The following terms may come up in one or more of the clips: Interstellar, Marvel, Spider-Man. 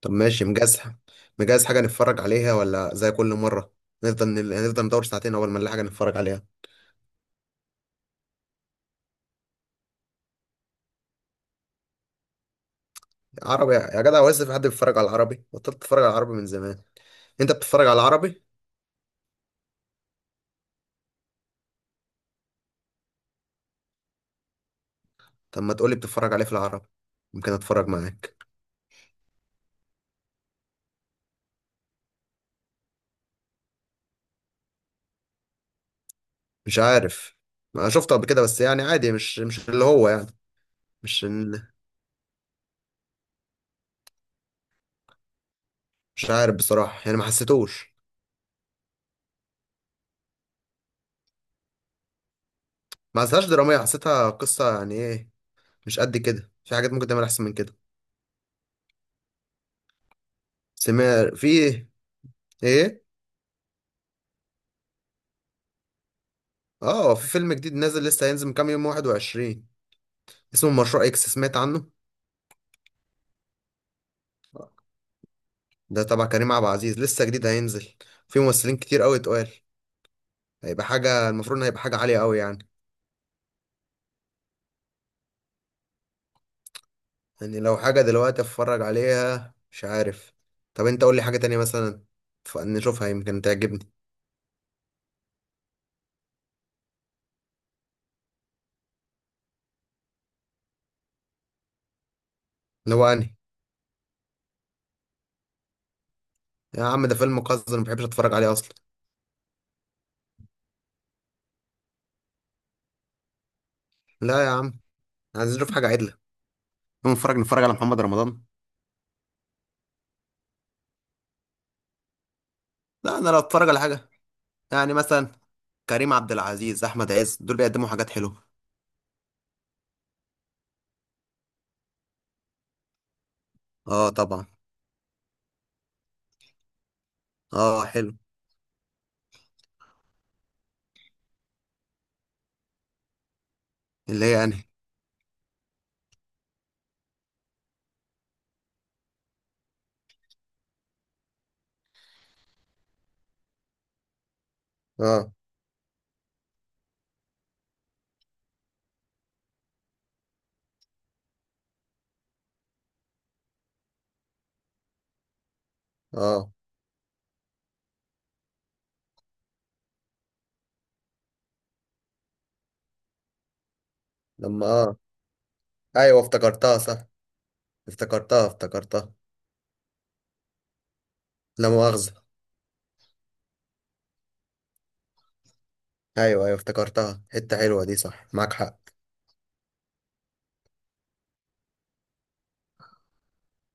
طب ماشي مجهز. مجهز حاجة نتفرج عليها، ولا زي كل مرة نفضل نفضل ندور ساعتين أول ما نلاقي حاجة نتفرج عليها؟ عربي يا جدع، هو لسه في حد بيتفرج على العربي؟ بطلت تتفرج على العربي من زمان. أنت بتتفرج على العربي؟ طب ما تقولي بتتفرج عليه في العربي. ممكن أتفرج معاك. مش عارف، ما شفته قبل كده، بس يعني عادي، مش اللي هو يعني. مش ال... مش عارف بصراحة، يعني ما حسيتوش. ما حسيتهاش درامية، حسيتها قصة يعني إيه، مش قد كده. في حاجات ممكن تعمل أحسن من كده. سمير في. إيه. اه، في فيلم جديد نازل، لسه هينزل من كام يوم 21. اسمه مشروع اكس، سمعت عنه؟ ده تبع كريم عبد العزيز، لسه جديد هينزل. في ممثلين كتير قوي اتقال. هيبقى حاجة، المفروض إن هيبقى حاجة عالية قوي يعني. يعني لو حاجة دلوقتي اتفرج عليها، مش عارف. طب انت قول لي حاجة تانية مثلا، نشوفها يمكن تعجبني. اللي هو انهي. يا عم ده فيلم قذر، ما بحبش اتفرج عليه اصلا. لا يا عم، عايزين نشوف حاجة عدلة، نقوم نتفرج على محمد رمضان. لا، انا لو اتفرج على حاجة يعني مثلا كريم عبد العزيز، احمد عز، دول بيقدموا حاجات حلوة. اه طبعا. اه حلو. اللي هي انهي. اه. اه. لما اه. ايوه، افتكرتها صح. افتكرتها، افتكرتها. لا مؤاخذة. ايوه، ايوه، افتكرتها حتة حلوة دي، صح، معاك حق.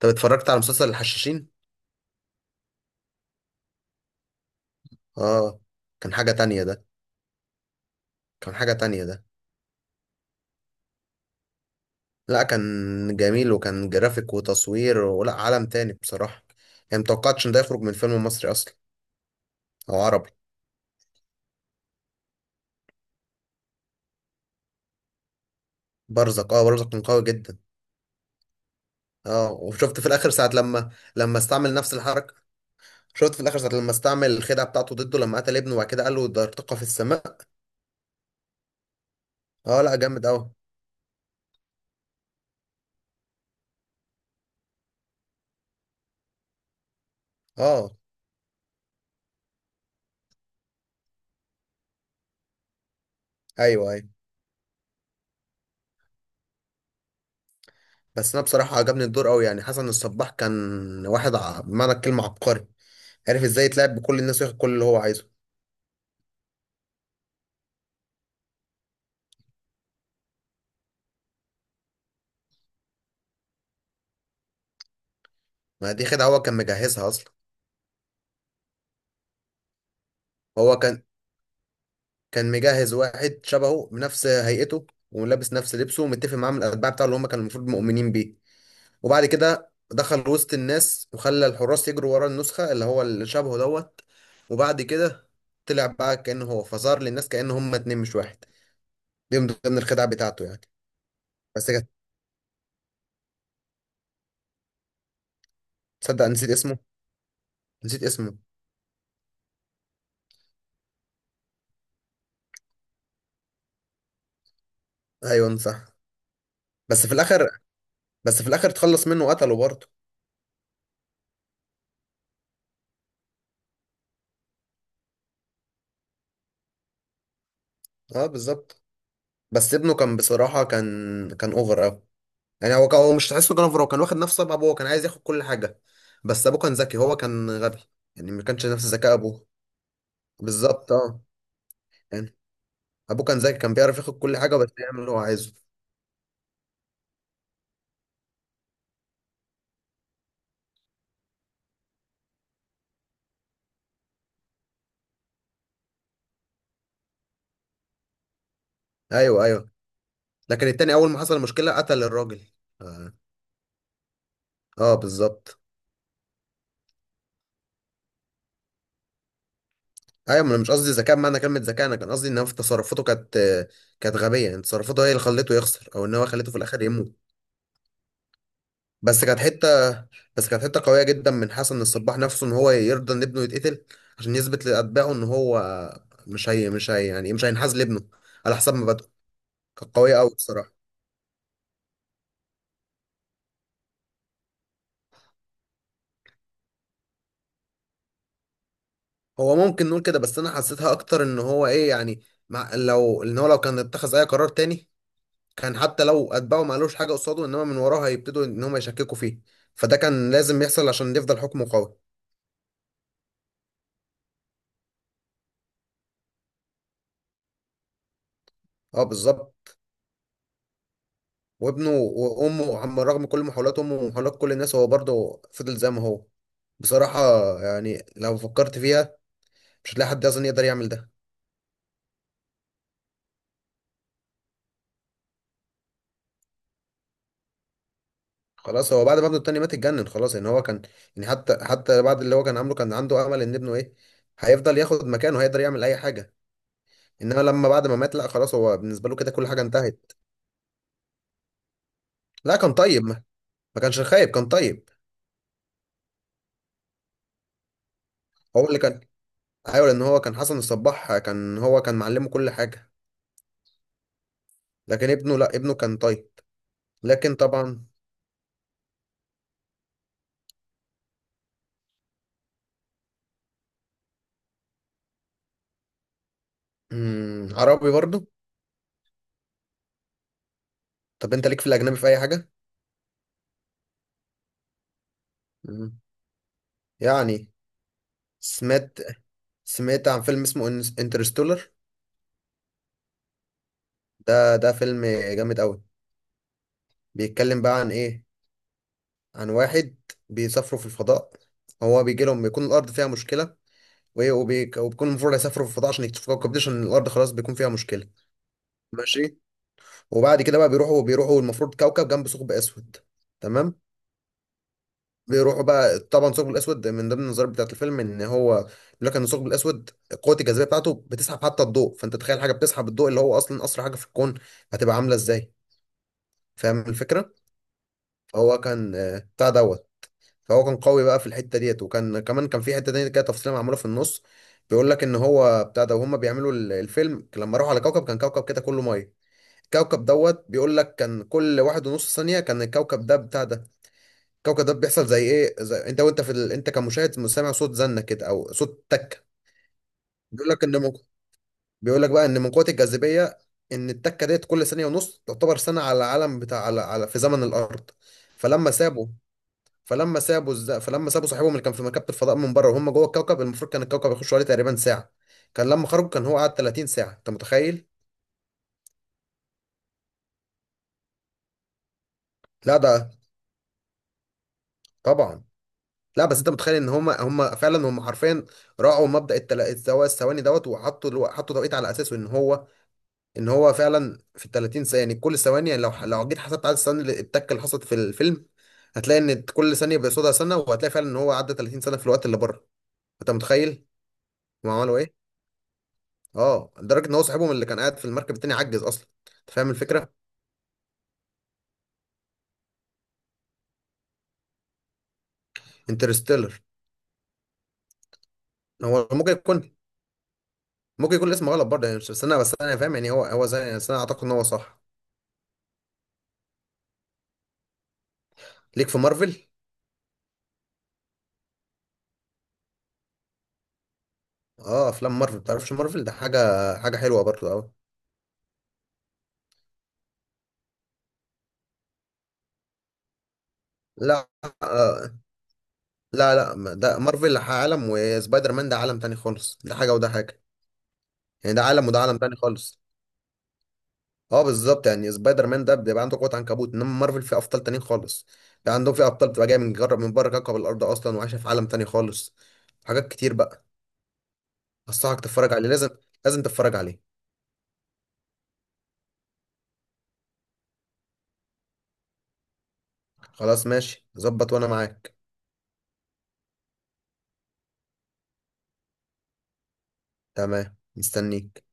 طب اتفرجت على مسلسل الحشاشين؟ اه. كان حاجة تانية ده. كان حاجة تانية ده. لا، كان جميل، وكان جرافيك وتصوير ولا عالم تاني بصراحة. يعني متوقعتش ان ده يخرج من فيلم مصري اصلا. او عربي. برزق، اه برزق كان قوي جدا. اه، وشفت في الاخر ساعة لما استعمل نفس الحركة. شفت في الاخر ساعه لما استعمل الخدعه بتاعته ضده، لما قتل ابنه، وبعد كده قال له ده ارتقى في السماء. اه، لا جامد قوي. اه. ايوه، ايوه. بس انا بصراحه عجبني الدور قوي، يعني حسن الصباح كان واحد بمعنى الكلمه عبقري، عارف ازاي يتلاعب بكل الناس وياخد كل اللي هو عايزه. ما دي خدعه، هو كان مجهزها اصلا. هو كان مجهز واحد شبهه بنفس هيئته، ولابس نفس لبسه، ومتفق معاه من الاتباع بتاعه اللي هم كانوا المفروض مؤمنين بيه. وبعد كده دخل وسط الناس وخلى الحراس يجروا ورا النسخة اللي هو اللي شبهه دوت. وبعد كده طلع بقى كأنه هو، فظهر للناس كأنه هما اتنين مش واحد. دي من ضمن الخدعة بتاعته يعني. بس كده. تصدق نسيت اسمه، نسيت اسمه. ايوه صح. بس في الاخر بس في الاخر اتخلص منه وقتله برضه. اه بالظبط. بس ابنه كان بصراحة كان اوفر اوي. يعني هو كان، هو مش تحسه كان اوفر، هو كان واخد نفس طبع ابوه، هو كان عايز ياخد كل حاجة. بس ابوه كان ذكي، هو كان غبي. يعني ما كانش نفس ذكاء ابوه. بالظبط اه. يعني ابوه كان ذكي، كان بيعرف ياخد كل حاجه، بس يعمل اللي هو عايزه. ايوه، ايوه، لكن التاني اول ما حصل مشكله قتل الراجل. اه، آه بالظبط. ايوه، ما انا مش قصدي ذكاء بمعنى كلمه ذكاء، انا كان قصدي ان هو في تصرفاته كانت غبيه. يعني تصرفاته هي اللي خلته يخسر، او ان هو خلته في الاخر يموت. بس كانت حته بس كانت حته قويه جدا من حسن الصباح نفسه، ان هو يرضى ان ابنه يتقتل، عشان يثبت لاتباعه ان هو مش هي يعني مش هينحاز لابنه، على حسب ما بدأ. كانت قويه قوي بصراحه. هو ممكن نقول كده، بس انا حسيتها اكتر ان هو ايه يعني، مع لو ان هو لو كان اتخذ اي قرار تاني، كان حتى لو اتباعه ما قالوش حاجه قصاده، انما من وراه هيبتدوا ان هم يشككوا فيه. فده كان لازم يحصل عشان يفضل حكمه قوي. اه بالظبط. وابنه وامه عم، رغم كل محاولات امه ومحاولات كل الناس، هو برضه فضل زي ما هو. بصراحه يعني لو فكرت فيها، مش هتلاقي حد اصلا يقدر يعمل ده. خلاص، هو بعد ما ابنه التاني مات اتجنن خلاص، ان هو كان، يعني حتى بعد اللي هو كان عامله، كان عنده امل ان ابنه ايه، هيفضل ياخد مكانه، هيقدر يعمل اي حاجه. انما لما بعد ما مات، لا خلاص، هو بالنسبه له كده كل حاجه انتهت. لا كان طيب، ما كانش خايب، كان طيب. هو اللي كان، ايوه، لان هو كان حسن الصباح، كان هو كان معلمه كل حاجه. لكن ابنه، لا ابنه كان طيب. لكن طبعا. عربي برضه. طب انت ليك في الاجنبي في اي حاجه؟ مم. يعني، سمعت سمعت عن فيلم اسمه انترستولر. ده فيلم جامد قوي، بيتكلم بقى عن ايه، عن واحد بيسافروا في الفضاء، هو بيجي لهم، بيكون الارض فيها مشكله، وبيكون المفروض هيسافروا في الفضاء عشان يكتشفوا كوكب جديد عشان الارض خلاص بيكون فيها مشكله. ماشي. وبعد كده بقى بيروحوا المفروض كوكب جنب ثقب اسود. تمام. بيروحوا بقى، طبعا الثقب الاسود من ضمن النظريات بتاعت الفيلم، ان هو بيقول لك ان الثقب الاسود قوه الجاذبيه بتاعته بتسحب حتى الضوء. فانت تخيل حاجه بتسحب الضوء اللي هو اصلا اسرع حاجه في الكون، هتبقى عامله ازاي؟ فاهم الفكره؟ هو كان، بتاع دوت. فهو كان قوي بقى في الحته ديت، وكان كمان كان في حته تانية كده تفصيله معموله في النص. بيقول لك ان هو بتاع ده، وهم بيعملوا الفيلم لما راحوا على كوكب كان كوكب كده كله ميه. الكوكب دوت، بيقول لك كان كل واحد ونص ثانيه كان الكوكب ده بتاع ده. الكوكب ده بيحصل زي ايه، زي انت وانت في انت كمشاهد سامع صوت زنه كده او صوت تك. بيقول لك ان من... بيقول لك بقى ان من قوه الجاذبيه، ان التكه ديت كل ثانيه ونص تعتبر سنه على العالم، بتاع على، في زمن الارض. فلما سابوا فلما سابوا صاحبهم اللي كان في مركبه الفضاء من بره، وهم جوه الكوكب، المفروض كان الكوكب يخش عليه تقريبا ساعه، كان لما خرجوا كان هو قعد 30 ساعه، انت متخيل؟ لا ده طبعا. لا، بس انت متخيل ان هم فعلا هم حرفيا راعوا مبدأ الثواني دوت، حطوا توقيت على اساسه، ان هو فعلا في ال 30 ثانيه، يعني كل ثواني، يعني لو جيت حسبت عدد الثواني التكه اللي حصلت في الفيلم، هتلاقي ان كل ثانيه بيقصدها سنه، وهتلاقي فعلا ان هو عدى 30 سنه في الوقت اللي بره. انت متخيل هم عملوا ايه؟ اه، لدرجه ان هو صاحبهم اللي كان قاعد في المركب التاني عجز اصلا. انت فاهم الفكره؟ انترستيلر. هو ممكن يكون، ممكن يكون الاسم غلط برضه، يعني بس انا فاهم يعني، هو زي بس انا اعتقد ان هو صح. ليك في مارفل. اه افلام مارفل، تعرفش مارفل ده حاجه، حلوه برضه قوي. لا. آه. لا، لا، ده مارفل عالم، وسبايدر مان ده عالم تاني خالص، ده حاجه وده حاجه. يعني ده عالم وده عالم تاني خالص. اه بالظبط، يعني سبايدر مان ده بيبقى عنده قوة عنكبوت، انما مارفل فيه ابطال تانيين خالص. بيبقى عندهم فيه ابطال بتبقى جايه من جرب من بره كوكب الارض اصلا، وعايشه في عالم تاني خالص. حاجات كتير بقى. انصحك تتفرج عليه، لازم، لازم تتفرج عليه. خلاص ماشي، ظبط، وانا معاك. تمام، مستنيك.